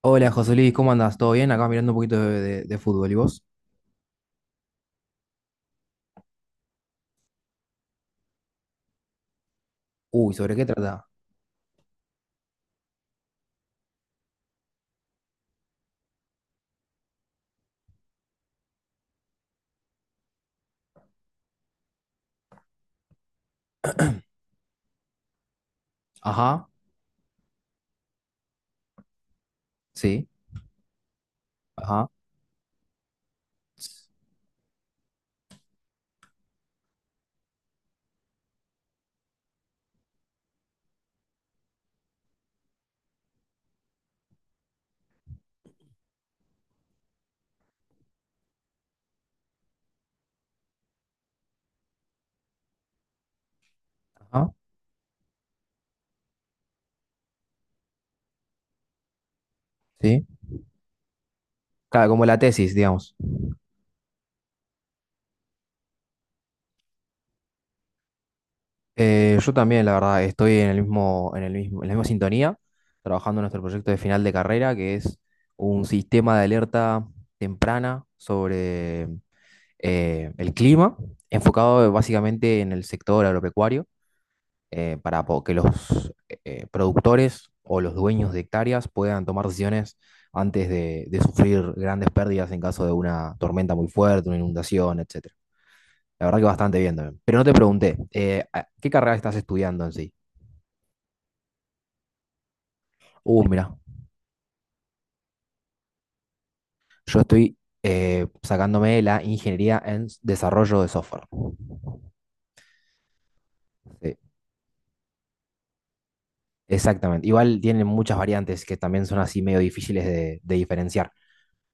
Hola José Luis, ¿cómo andas? ¿Todo bien? Acá mirando un poquito de fútbol. ¿Y vos? Uy, ¿sobre qué trata? Ajá, sí, ajá, ajá, sí. Claro, como la tesis, digamos. Yo también, la verdad, estoy en en la misma sintonía, trabajando en nuestro proyecto de final de carrera, que es un sistema de alerta temprana sobre el clima, enfocado básicamente en el sector agropecuario. Que los productores o los dueños de hectáreas puedan tomar decisiones antes de sufrir grandes pérdidas en caso de una tormenta muy fuerte, una inundación, etcétera. La verdad que bastante bien también. Pero no te pregunté, ¿qué carrera estás estudiando en sí? Mira, yo estoy sacándome la ingeniería en desarrollo de software. Sí, exactamente. Igual tienen muchas variantes que también son así medio difíciles de diferenciar.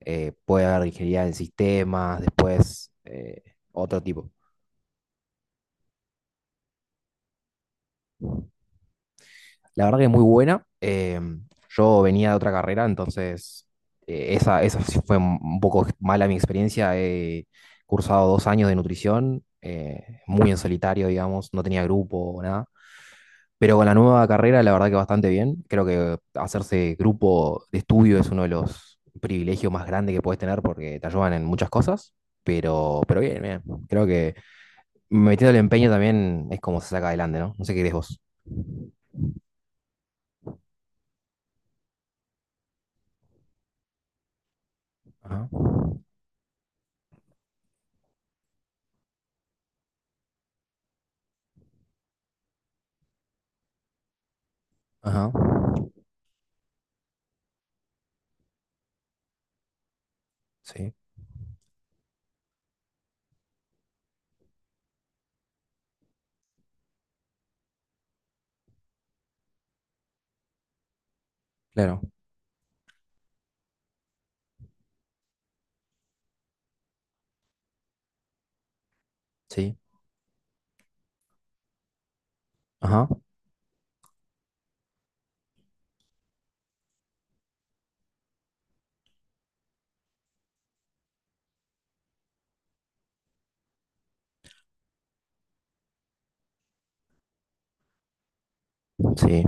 Puede haber ingeniería en sistemas, después otro tipo. La verdad que es muy buena. Yo venía de otra carrera, entonces esa sí fue un poco mala mi experiencia. He cursado 2 años de nutrición, muy en solitario, digamos, no tenía grupo o nada. Pero con la nueva carrera, la verdad que bastante bien. Creo que hacerse grupo de estudio es uno de los privilegios más grandes que puedes tener porque te ayudan en muchas cosas. Pero bien, bien. Creo que metiendo el empeño también es como se saca adelante, ¿no? No sé qué crees vos. Ajá. Ajá. Sí, claro. Sí. Ajá. Sí.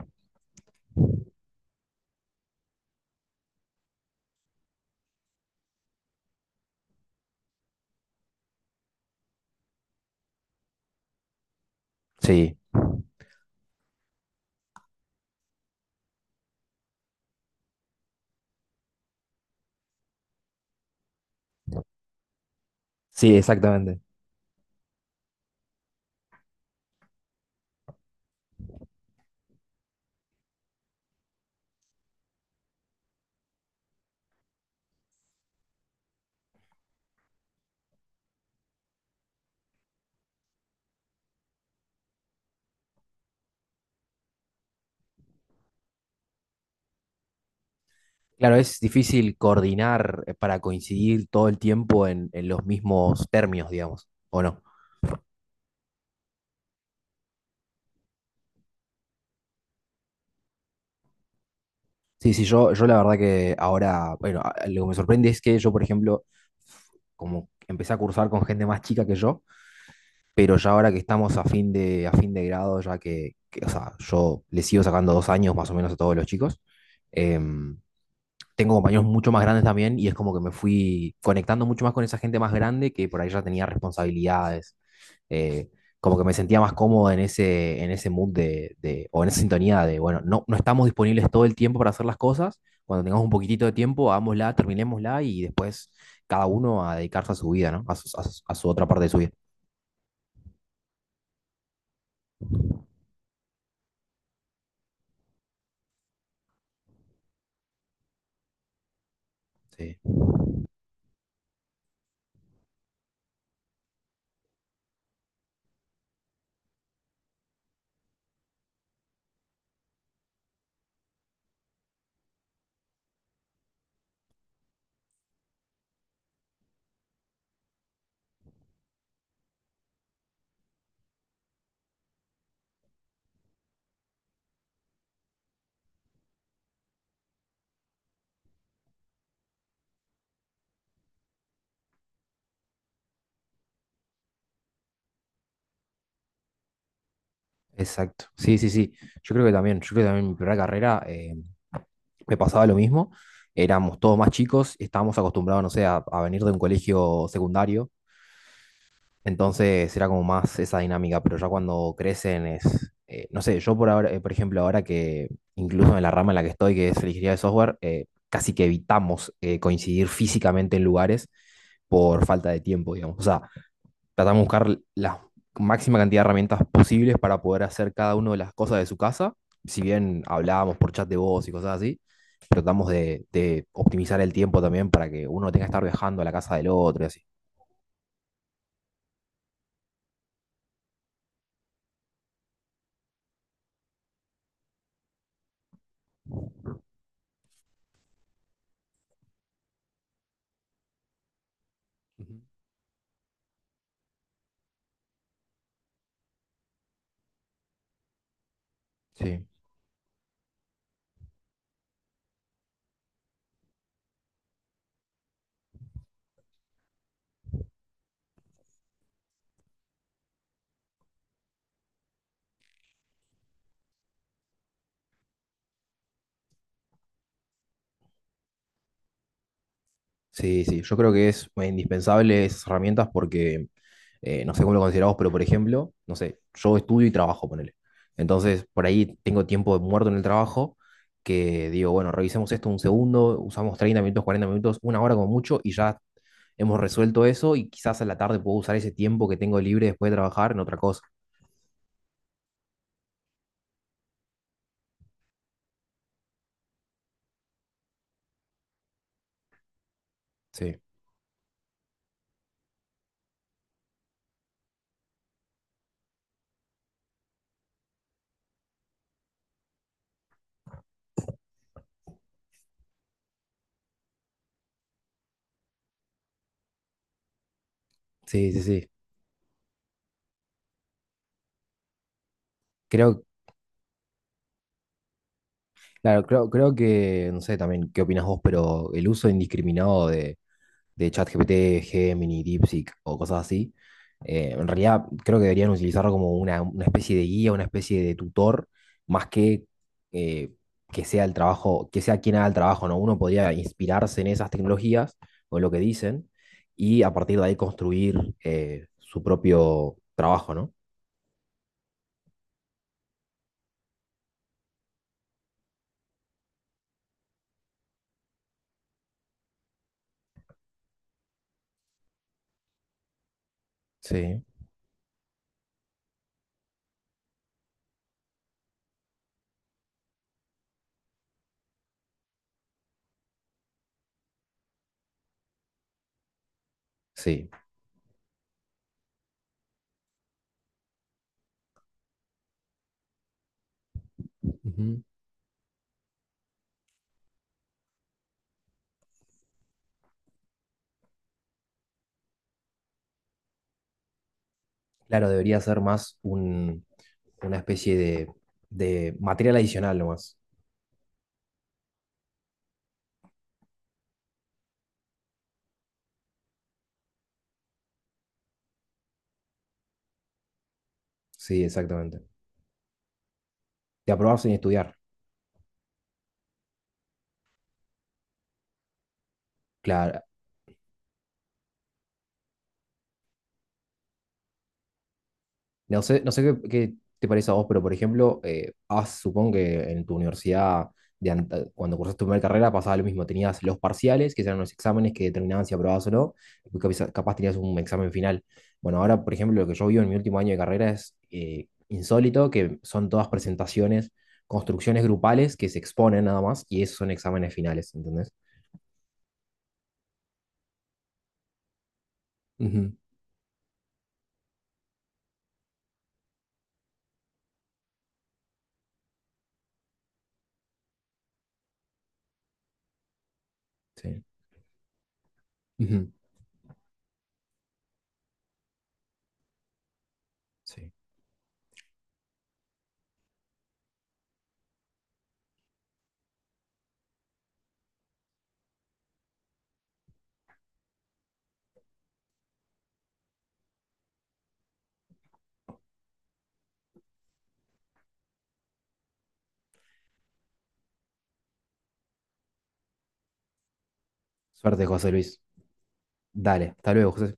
Sí. Sí, exactamente. Claro, es difícil coordinar para coincidir todo el tiempo en los mismos términos, digamos, ¿o no? Sí, sí, yo la verdad que ahora, bueno, lo que me sorprende es que yo, por ejemplo, como empecé a cursar con gente más chica que yo, pero ya ahora que estamos a fin de grado, ya o sea, yo le sigo sacando 2 años más o menos a todos los chicos, em, tengo compañeros mucho más grandes también y es como que me fui conectando mucho más con esa gente más grande que por ahí ya tenía responsabilidades, eh, como que me sentía más cómodo en ese mood o en esa sintonía de, bueno, no, no estamos disponibles todo el tiempo para hacer las cosas, cuando tengamos un poquitito de tiempo, hagámosla, terminémosla y después cada uno a dedicarse a su vida, ¿no? A a su otra parte de su vida. Sí. Exacto, sí, sí, sí. Yo creo que también, yo creo que también en mi primera carrera me pasaba lo mismo. Éramos todos más chicos, estábamos acostumbrados, no sé, a venir de un colegio secundario. Entonces era como más esa dinámica, pero ya cuando crecen es, no sé, yo por ahora, por ejemplo, ahora que incluso en la rama en la que estoy, que es la ingeniería de software, casi que evitamos coincidir físicamente en lugares por falta de tiempo, digamos. O sea, tratamos de buscar la máxima cantidad de herramientas posibles para poder hacer cada una de las cosas de su casa. Si bien hablábamos por chat de voz y cosas así, tratamos de optimizar el tiempo también para que uno tenga que estar viajando a la casa del otro y así. Ujú. Sí, sí, sí. Yo creo que es indispensable esas herramientas porque no sé cómo lo consideramos, pero por ejemplo, no sé, yo estudio y trabajo, ponele. Entonces, por ahí tengo tiempo muerto en el trabajo que digo, bueno, revisemos esto un segundo, usamos 30 minutos, 40 minutos, 1 hora como mucho y ya hemos resuelto eso y quizás a la tarde puedo usar ese tiempo que tengo libre después de trabajar en otra cosa. Sí, sí, sí, sí. Creo, creo que, no sé también qué opinas vos, pero el uso indiscriminado de ChatGPT, Gemini, DeepSeek o cosas así. En realidad creo que deberían utilizarlo como una especie de guía, una especie de tutor, más eh, que sea el trabajo, que sea quien haga el trabajo, ¿no? Uno podría inspirarse en esas tecnologías o en lo que dicen y a partir de ahí construir su propio trabajo, ¿no? Sí, sí. Ujú. Claro, debería ser más un, una especie de material adicional nomás. Sí, exactamente. De aprobar sin estudiar. Claro, no sé, no sé qué te parece a vos, pero por ejemplo, supongo que en tu universidad, cuando cursaste tu primera carrera, pasaba lo mismo. Tenías los parciales, que eran los exámenes que determinaban si aprobabas o no, y tú capaz tenías un examen final. Bueno, ahora, por ejemplo, lo que yo vivo en mi último año de carrera es insólito, que son todas presentaciones, construcciones grupales que se exponen nada más, y esos son exámenes finales, ¿entendés? Ujú, sí. Ujú, sí. Suerte, José Luis. Dale, hasta luego, José.